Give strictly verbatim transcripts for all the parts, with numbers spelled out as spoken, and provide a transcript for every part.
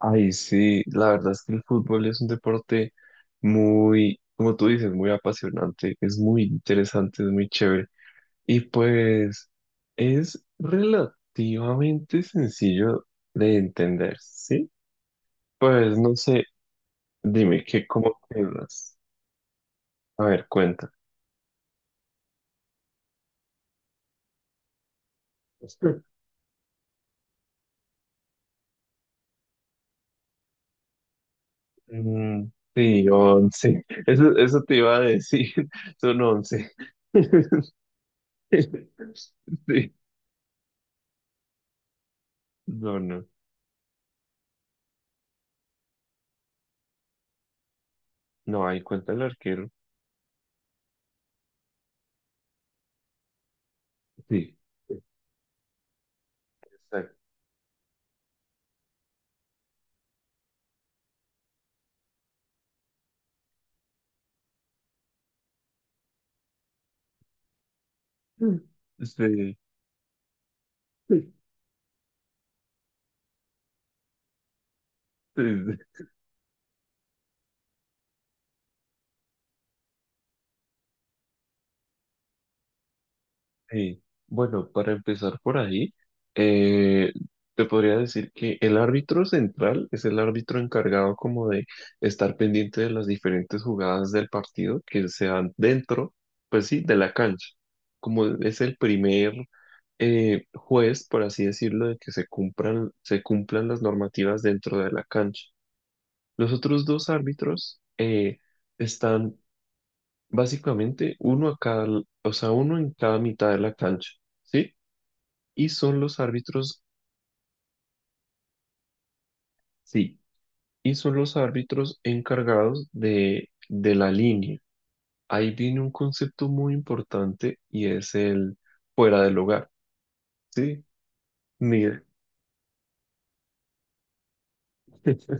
Ay, sí, la verdad es que el fútbol es un deporte muy, como tú dices, muy apasionante, es muy interesante, es muy chévere. Y pues es relativamente sencillo de entender, ¿sí? Pues no sé, dime qué, cómo quedas. A ver, cuenta. Mm, sí, once. Eso, eso te iba a decir, son once. Sí, no, no. No, ahí cuenta el arquero. Sí, exacto. Mm. este, sí. este, sí. Bueno, para empezar por ahí, eh, te podría decir que el árbitro central es el árbitro encargado como de estar pendiente de las diferentes jugadas del partido que se dan dentro, pues sí, de la cancha. Como es el primer eh, juez, por así decirlo, de que se cumplan, se cumplan las normativas dentro de la cancha. Los otros dos árbitros eh, están básicamente, uno a cada, o sea, uno en cada mitad de la cancha, ¿sí? Y son los árbitros, sí, y son los árbitros encargados de, de la línea. Ahí viene un concepto muy importante y es el fuera del hogar, ¿sí? Mira,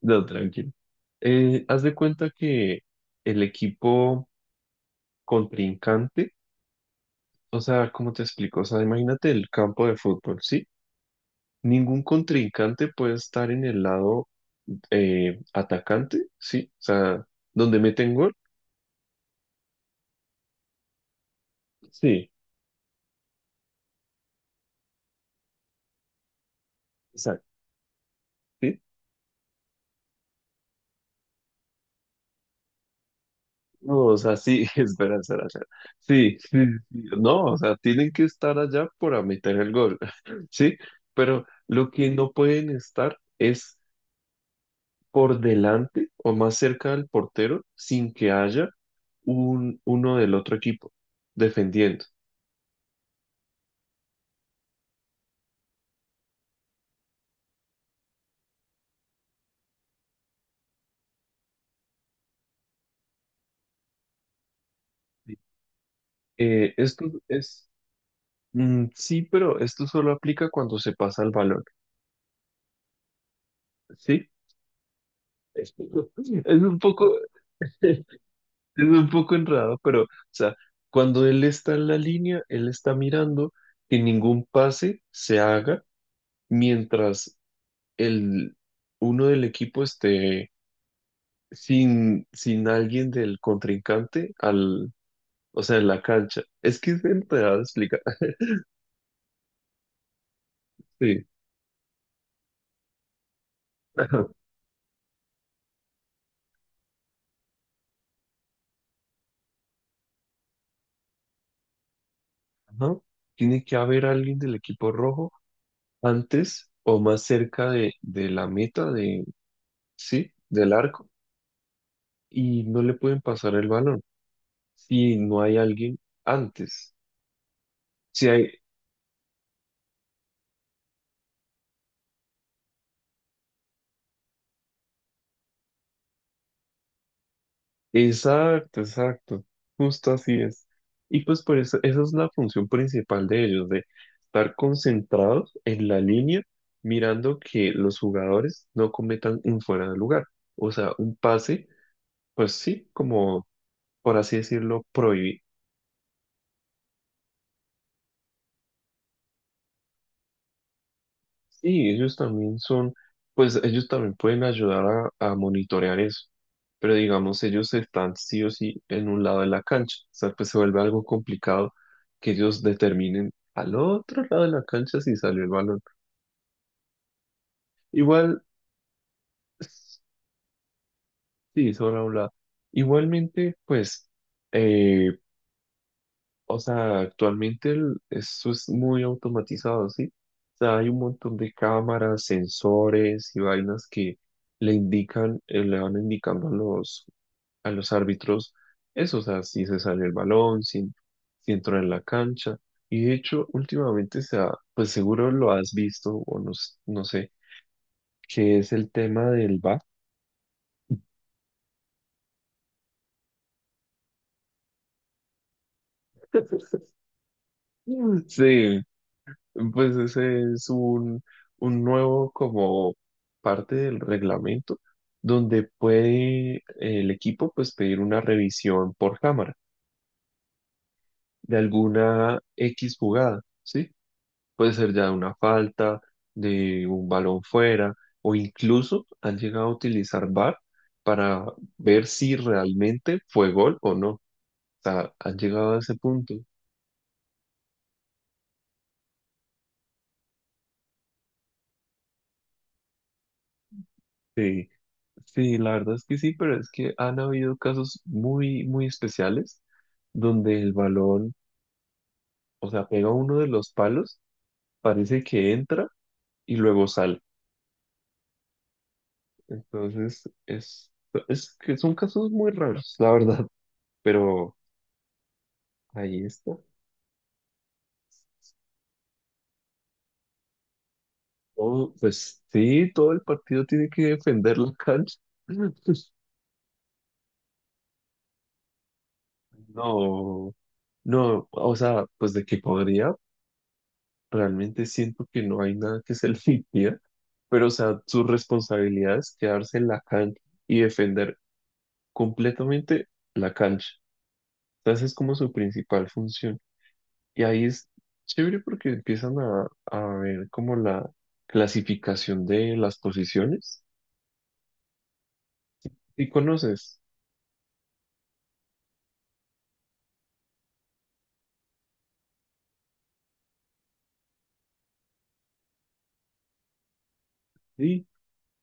no, tranquilo. Eh, haz de cuenta que el equipo contrincante, o sea, ¿cómo te explico? O sea, imagínate el campo de fútbol, ¿sí? Ningún contrincante puede estar en el lado eh, atacante, ¿sí? O sea, donde meten gol. Sí, exacto. ¿Sí? No, o sea, sí, espera, espera, espera. Sí, sí, sí. No, o sea, tienen que estar allá para meter el gol, ¿sí? Pero lo que no pueden estar es por delante o más cerca del portero sin que haya un, uno del otro equipo defendiendo. Eh, esto es, mm, sí, pero esto solo aplica cuando se pasa el balón, ¿sí? Es es un poco, es un poco enredado, pero, o sea, cuando él está en la línea, él está mirando que ningún pase se haga mientras el, uno del equipo esté sin, sin alguien del contrincante al, o sea, en la cancha. Es que es enterado explicar. Sí. Ajá. Ajá. Tiene que haber alguien del equipo rojo antes o más cerca de, de la meta de, sí, del arco y no le pueden pasar el balón si no hay alguien antes. Si hay, exacto, exacto, justo así es. Y pues por eso, esa es la función principal de ellos, de estar concentrados en la línea, mirando que los jugadores no cometan un fuera de lugar. O sea, un pase, pues sí, como por así decirlo, prohibido. Sí, ellos también son, pues ellos también pueden ayudar a, a monitorear eso, pero digamos, ellos están sí o sí en un lado de la cancha, o sea, pues se vuelve algo complicado que ellos determinen al otro lado de la cancha si salió el balón. Igual, sí, sobre un lado. Igualmente, pues, eh, o sea, actualmente el- esto es muy automatizado, ¿sí? O sea, hay un montón de cámaras, sensores y vainas que le indican, eh, le van indicando a los, a los árbitros eso, o sea, si se sale el balón, si, si entró en la cancha. Y de hecho, últimamente se ha, pues seguro lo has visto, o no, s- no sé, que es el tema del VAR. Sí, pues ese es un, un nuevo como parte del reglamento donde puede el equipo pues pedir una revisión por cámara de alguna X jugada, ¿sí? Puede ser ya de una falta, de un balón fuera o incluso han llegado a utilizar VAR para ver si realmente fue gol o no. O sea, han llegado a ese punto. Sí. Sí, la verdad es que sí, pero es que han habido casos muy, muy especiales donde el balón, o sea, pega uno de los palos, parece que entra y luego sale. Entonces, es, es que son casos muy raros, la verdad, pero ahí está. Todo- pues sí, todo el partido tiene que defender la cancha. No, no, o sea, pues de que podría. Realmente siento que no hay nada que se le impida, pero o sea, su responsabilidad es quedarse en la cancha y defender completamente la cancha. Entonces es como su principal función. Y ahí es chévere porque empiezan a, a ver como la clasificación de las posiciones. ¿Y conoces? Sí,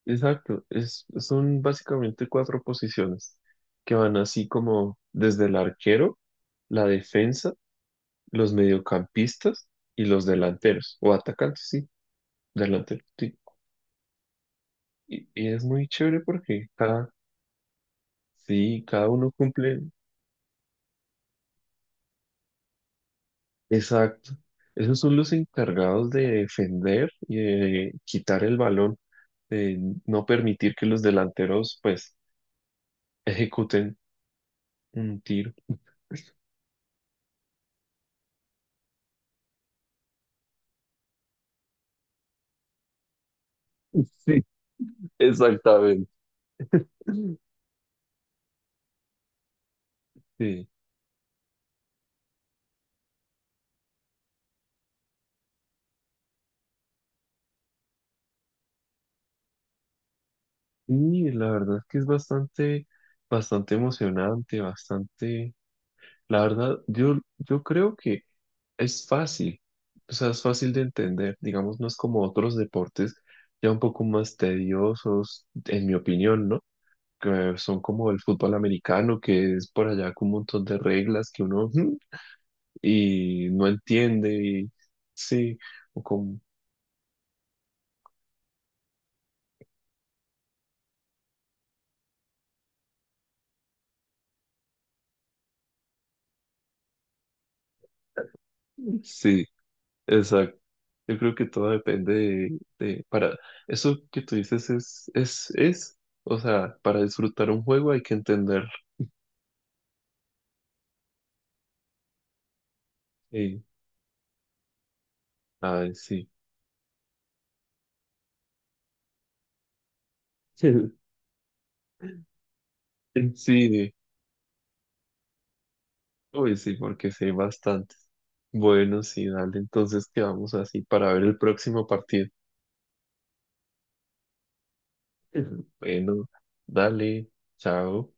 exacto. Es, son básicamente cuatro posiciones que van así como desde el arquero, la defensa, los mediocampistas y los delanteros, o atacantes, sí, delanteros, sí. Y, y es muy chévere porque cada, sí, cada uno cumple, exacto. Esos son los encargados de defender y de quitar el balón, de no permitir que los delanteros, pues, ejecuten un tiro. Sí, exactamente. Sí, y la verdad es que es bastante, bastante emocionante, bastante, la verdad, yo, yo creo que es fácil, o sea, es fácil de entender, digamos, no es como otros deportes ya un poco más tediosos, en mi opinión, ¿no? Que son como el fútbol americano, que es por allá con un montón de reglas que uno "Mm", y no entiende, y sí, o como, sí, exacto. Yo creo que todo depende de, de- para, eso que tú dices es, es, es, o sea, para disfrutar un juego hay que entenderlo. Sí, ay, sí. Sí, uy, sí, porque sé bastante. Bueno, sí, dale, entonces quedamos así para ver el próximo partido. Ujú. Bueno, dale, chao.